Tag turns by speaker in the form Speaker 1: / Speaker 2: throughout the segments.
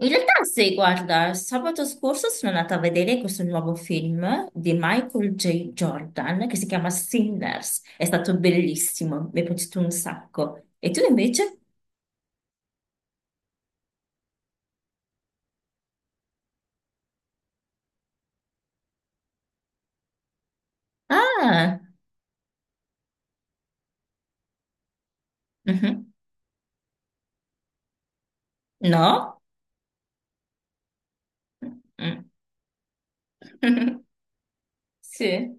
Speaker 1: In realtà, sì, guarda, sabato scorso sono andata a vedere questo nuovo film di Michael J. Jordan che si chiama Sinners. È stato bellissimo, mi è piaciuto un sacco. E tu invece? Ah, mhm. No? Mm. Sì.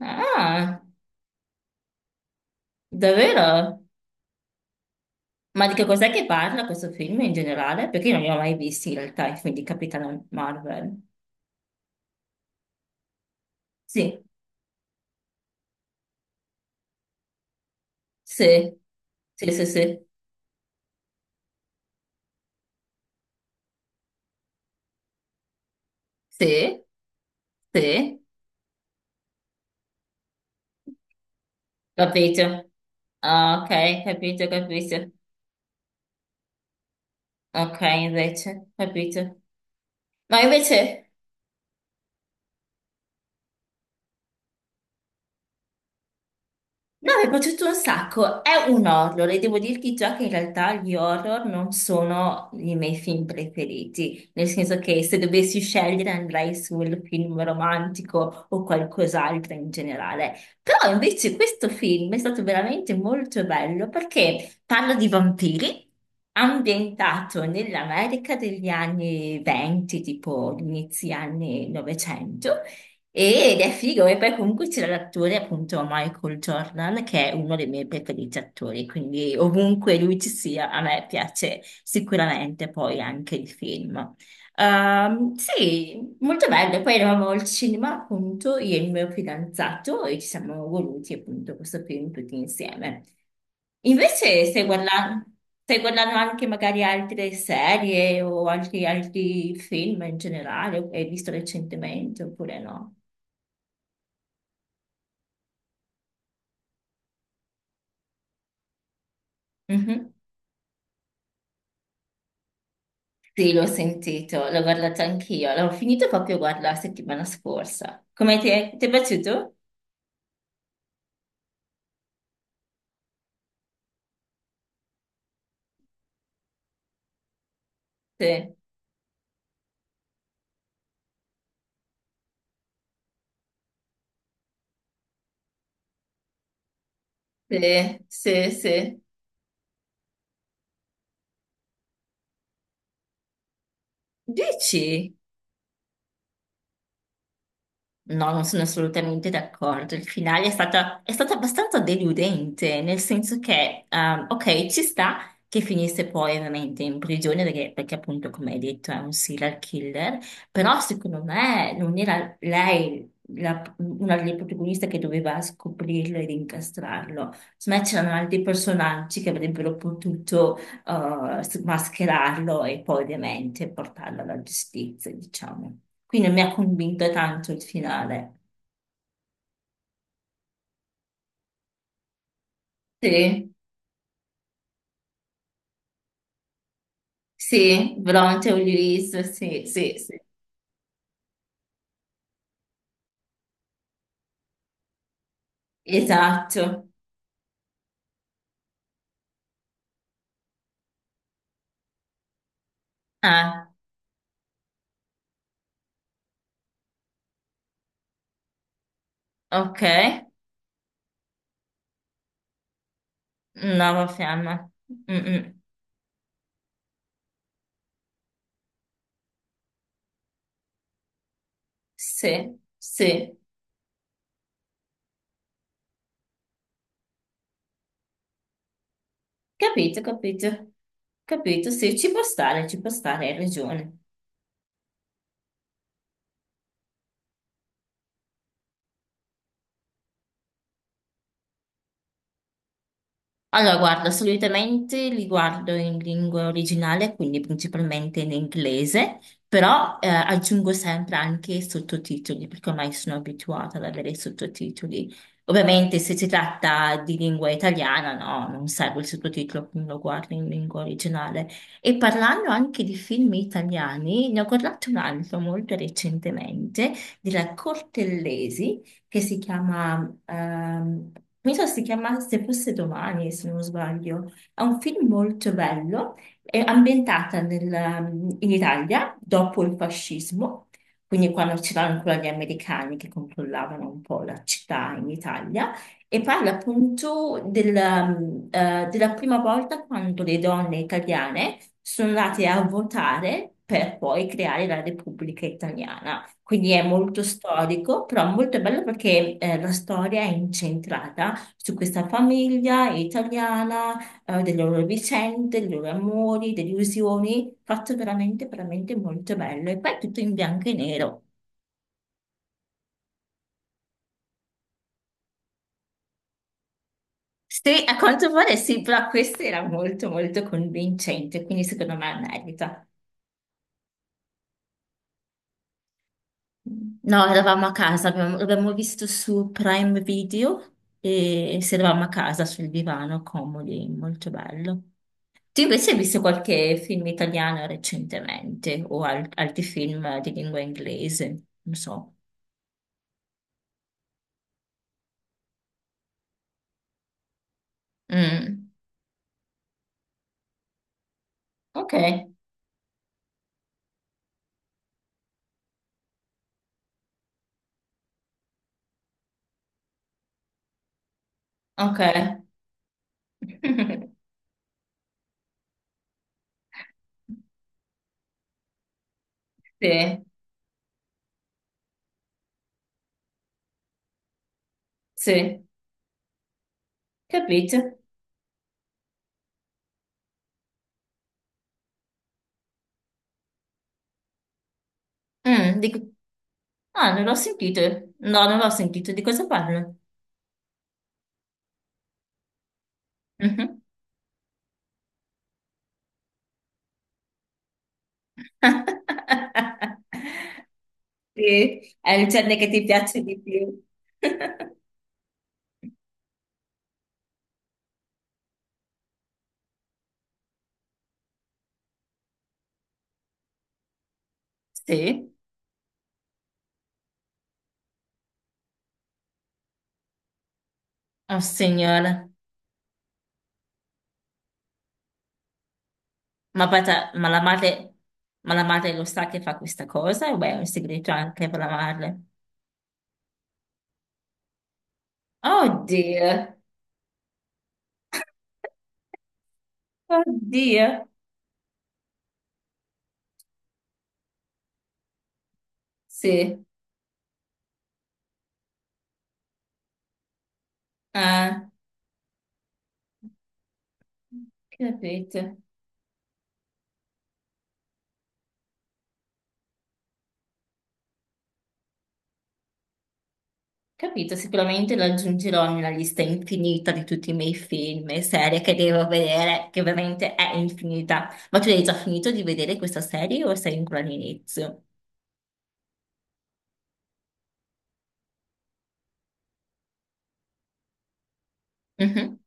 Speaker 1: Ah, davvero? Ma di che cos'è che parla questo film in generale? Perché io non li ho mai visti in realtà i film di Capitano Marvel. Sì, sì, sì, sì, sì, sì, sì, capito. Ah, ok, capito, capito. Ok, invece, capito. Ma invece, no, mi è piaciuto un sacco. È un horror e devo dirti già che in realtà gli horror non sono i miei film preferiti, nel senso che se dovessi scegliere andrei sul film romantico o qualcos'altro in generale. Però invece questo film è stato veramente molto bello perché parla di vampiri. Ambientato nell'America degli anni 20, tipo inizi anni 900, ed è figo, e poi comunque c'era l'attore appunto Michael Jordan, che è uno dei miei preferiti attori, quindi ovunque lui ci sia, a me piace sicuramente poi anche il film. Sì, molto bello. Poi eravamo al cinema appunto, io e il mio fidanzato, e ci siamo voluti appunto questo film tutti insieme. Invece stai guardando anche magari altre serie o altri film in generale, che hai visto recentemente oppure no? Mhm. Sì, l'ho sentito, l'ho guardato anch'io, l'ho finito proprio guarda, la settimana scorsa. Come ti è piaciuto? Sì, sì, sì, sì. Dici? No, non sono assolutamente d'accordo. Il finale è stato abbastanza deludente, nel senso che, ok, ci sta che finisse poi ovviamente in prigione, perché appunto, come hai detto, è un serial killer, però secondo me non era lei una delle protagoniste che doveva scoprirlo ed incastrarlo. Secondo me c'erano altri personaggi che avrebbero potuto mascherarlo e poi ovviamente portarlo alla giustizia, diciamo. Quindi mi ha convinto tanto il finale. Sì, sì, Bronte Ulisse, sì, sì, sì. Esatto. Ah, ok. Nuova fiamma. Mm-mm. Sì, sì. Capito, capito. Capito, sì, ci può stare, hai ragione. Allora, guarda, solitamente li guardo in lingua originale, quindi principalmente in inglese, però aggiungo sempre anche i sottotitoli, perché ormai sono abituata ad avere i sottotitoli. Ovviamente se si tratta di lingua italiana, no, non serve il sottotitolo, quindi lo guardo in lingua originale. E parlando anche di film italiani, ne ho guardato un altro molto recentemente, della Cortellesi che si chiama, mi sa si chiama Se fosse domani, se non sbaglio. È un film molto bello, è ambientata in Italia dopo il fascismo, quindi quando c'erano ancora gli americani che controllavano un po' la città in Italia. E parla appunto della prima volta quando le donne italiane sono andate a votare per poi creare la Repubblica Italiana. Quindi è molto storico, però molto bello perché la storia è incentrata su questa famiglia italiana, delle loro vicende, dei loro amori, delusioni, fatto veramente, veramente molto bello. E poi è tutto in bianco e nero. Sì, a quanto pare sì, però questo era molto, molto convincente, quindi secondo me merita. No, eravamo a casa, l'abbiamo visto su Prime Video e si eravamo a casa sul divano, comodi, molto bello. Tu invece hai visto qualche film italiano recentemente o altri film di lingua inglese? Non so. Mm. Ok, ok. Sì, sì, capito. Mm, ah, non l'ho sentito. No, non l'ho sentito. Di cosa parlo? Mhm. Sì, è il genere che ti piace di più. Sì, oh signora, ma, pata- ma la madre, ma la madre lo sa che fa questa cosa? O beh, è un segreto anche per la madre? Oddio, oddio, sì, ah, capito, capito, sicuramente lo aggiungerò nella lista infinita di tutti i miei film e serie che devo vedere, che ovviamente è infinita. Ma tu hai già finito di vedere questa serie o sei ancora all'inizio? Mhm.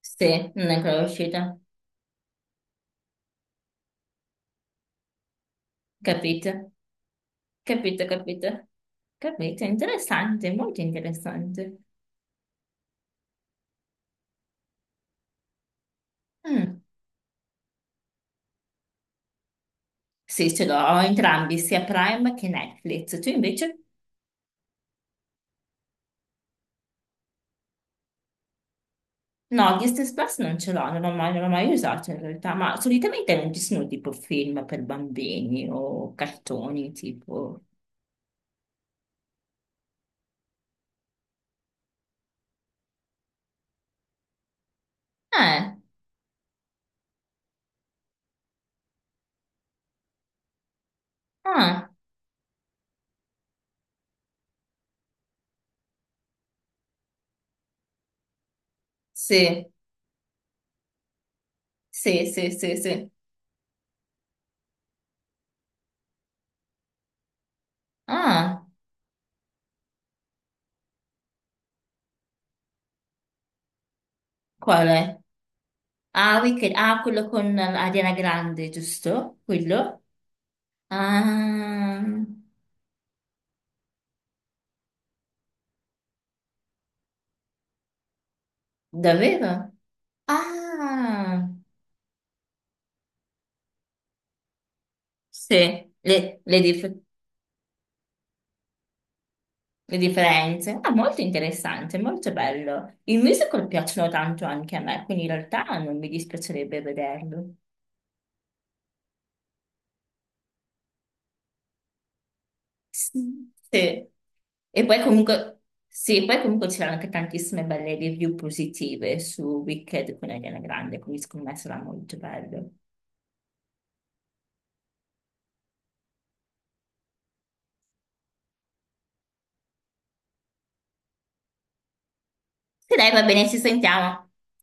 Speaker 1: Sì, non è ancora uscita, capito, capito, capito, capito, interessante, molto interessante. Mm. Sì, ce l'ho entrambi, sia Prime che Netflix, tu invece? No, Disney Plus non ce l'ho, non l'ho mai usato in realtà, ma solitamente non ci sono tipo film per bambini o cartoni tipo... Eh, ah, sì, sì, sì, sì, sì. Ah, qual è? Ah, Wicked, ah, quello con Ariana Grande, giusto? Quello? Ah, davvero? Ah, sì, le Le differenze? Ah, molto interessante, molto bello. I musical piacciono tanto anche a me, quindi in realtà non mi dispiacerebbe vederlo. Sì. Sì. E poi comunque, sì, poi comunque c'erano anche tantissime belle review positive su Wicked con Ariana Grande, quindi scommesso era molto bello. E dai, va bene, ci sentiamo.